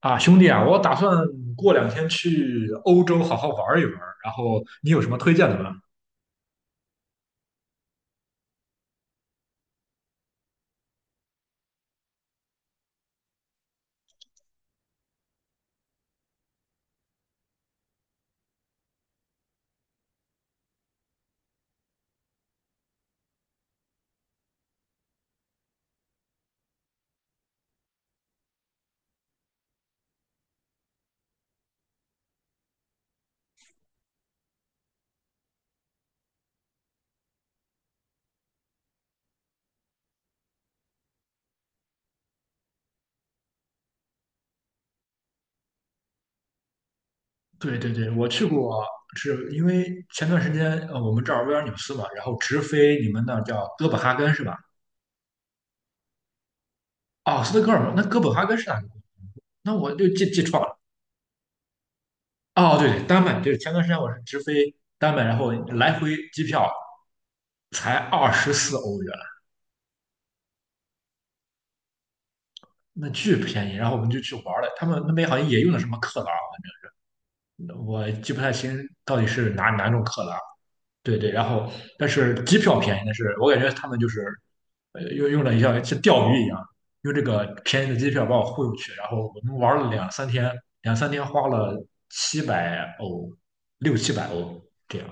啊，兄弟啊，我打算过两天去欧洲好好玩一玩，然后你有什么推荐的吗？对对对，我去过，是因为前段时间我们这儿维尔纽斯嘛，然后直飞你们那儿叫哥本哈根是吧？哦，斯德哥尔摩，那哥本哈根是哪个国家？那我就记错了。哦，对对丹麦，对，前段时间我是直飞丹麦，然后来回机票才24欧元，那巨便宜。然后我们就去玩了，他们那边好像也用的什么克朗，我记不太清到底是哪种克朗。对对，然后但是机票便宜，但是我感觉他们就是用了一下像钓鱼一样，用这个便宜的机票把我忽悠去，然后我们玩了两三天，两三天花了七百欧，六七百欧这样。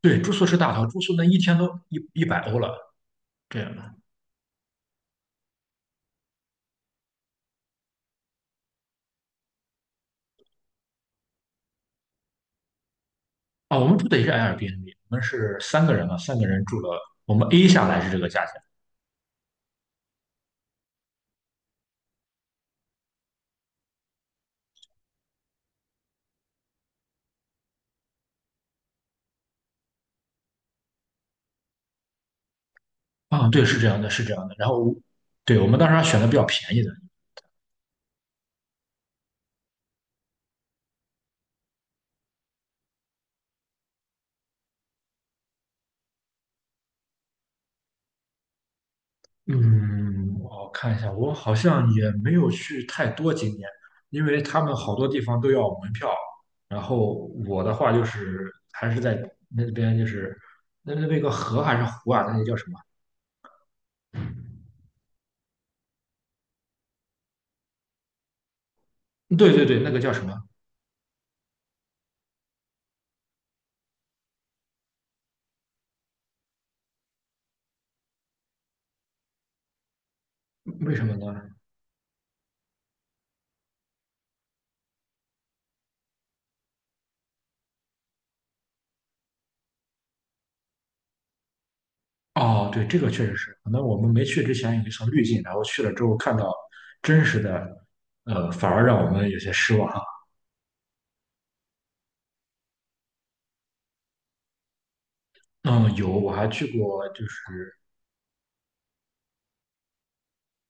对，住宿是大头，住宿那一天都一百欧了这样的。啊，我们住的也是 Airbnb,我们是三个人嘛，三个人住了，我们 A 下来是这个价钱。啊，对，是这样的，是这样的。然后，对，我们当时还选的比较便宜的。嗯，我看一下，我好像也没有去太多景点，因为他们好多地方都要门票。然后我的话就是还是在那边，就是那边有个河还是湖啊？那个叫什么？对对对，那个叫什么？为什么呢？哦，对，这个确实是，可能我们没去之前有一层滤镜，然后去了之后看到真实的，反而让我们有些失望。嗯，有，我还去过，就是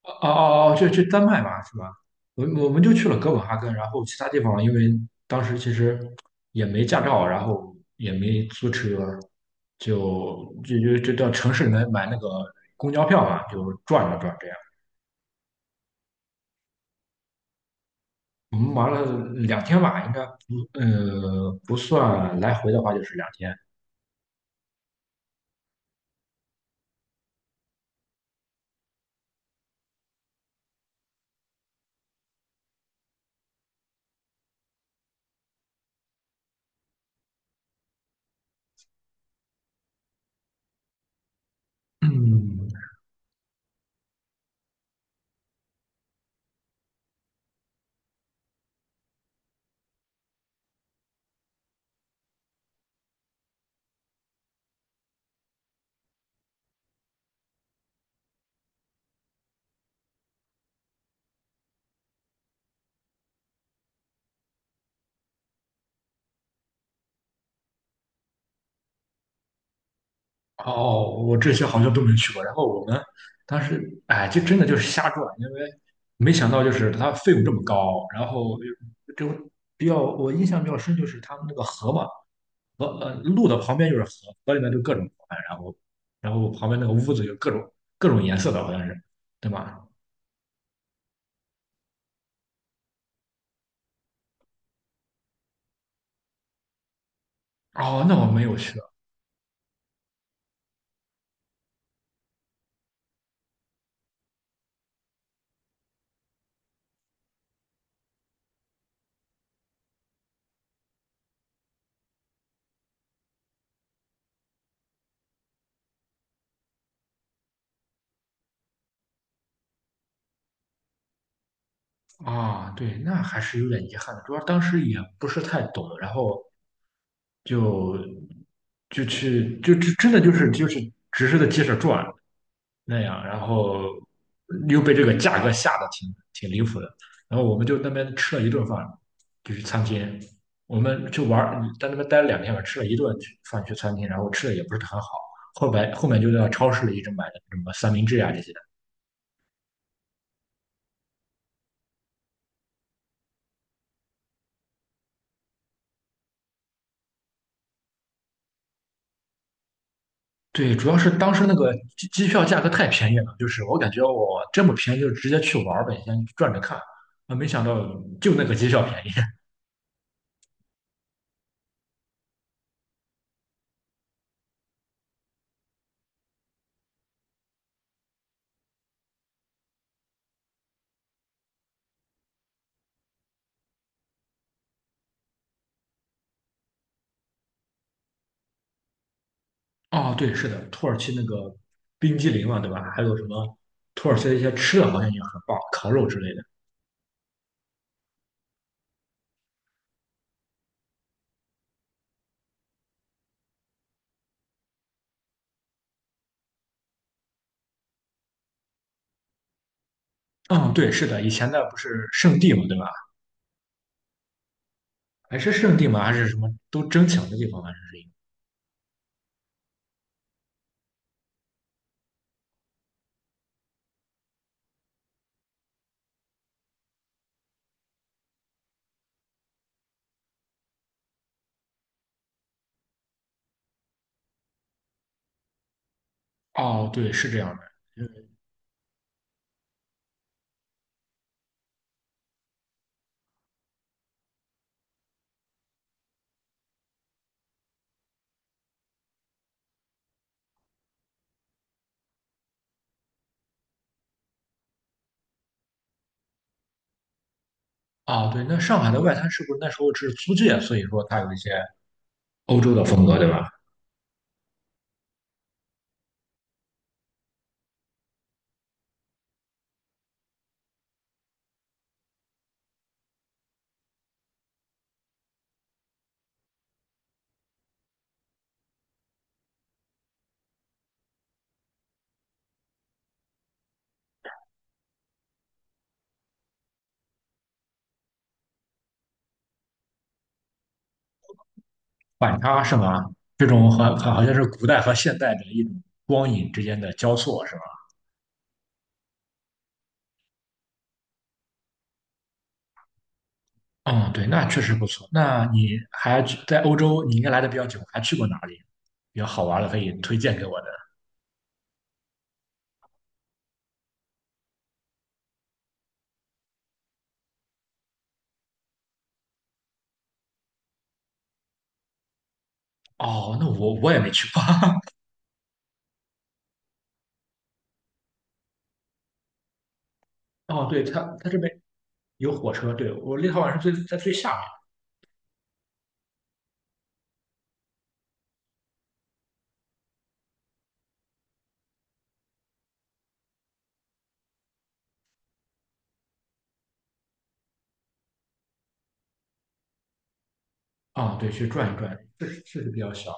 哦哦哦，就去丹麦嘛，是吧？我们就去了哥本哈根，然后其他地方因为当时其实也没驾照，然后也没租车，就到城市里面买那个公交票嘛，就转了转这样。我们玩了两天吧，应该不算来回的话就是两天。嗯，哦，我这些好像都没去过。然后我们当时，哎，就真的就是瞎转，因为没想到就是它费用这么高。然后就就比较我印象比较深就是他们那个河嘛，路的旁边就是河，河里面就各种河，然后旁边那个屋子有各种颜色的，好像是，对吧？哦，那我没有去。啊，对，那还是有点遗憾的，主要当时也不是太懂，然后就去真的就是只是在街上转。那样，然后又被这个价格吓得挺离谱的。然后我们就那边吃了一顿饭，就是餐厅，我们就玩儿，在那边待了两天吧，吃了一顿饭去餐厅，然后吃的也不是很好。后来后面就在超市里一直买的什么三明治啊这些。对，主要是当时那个机票价格太便宜了，就是我感觉我这么便宜就直接去玩儿呗，先转着看。啊，没想到就那个机票便宜。哦，对，是的，土耳其那个冰激凌嘛，对吧？还有什么土耳其的一些吃的，好像也很棒，烤肉之类的。嗯，对，是的，以前那不是圣地嘛，对吧？还是圣地嘛，还是什么都争抢的地方吗？还是一个。哦，对，是这样的。嗯，哦，对，那上海的外滩是不是那时候是租界？所以说它有一些欧洲的风格，对吧？反差是吗？这种好像是古代和现代的一种光影之间的交错，是吧？嗯，对，那确实不错。那你还去在欧洲，你应该来的比较久，还去过哪里比较好玩的可以推荐给我的？哦，那我也没去过。哦，对，它这边有火车，对，我立陶宛是在最下面。啊、对，去转一转，确实比较小。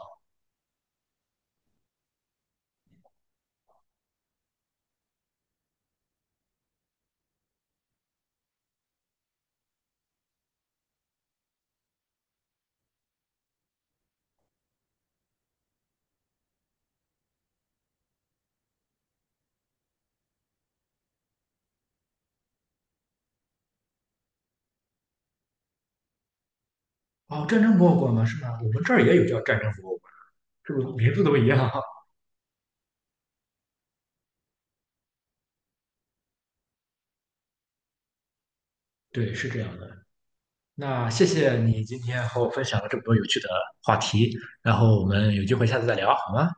哦，战争博物馆吗？是吗？我们这儿也有叫战争博物馆，是不是名字都一样？对，是这样的。那谢谢你今天和我分享了这么多有趣的话题，然后我们有机会下次再聊，好吗？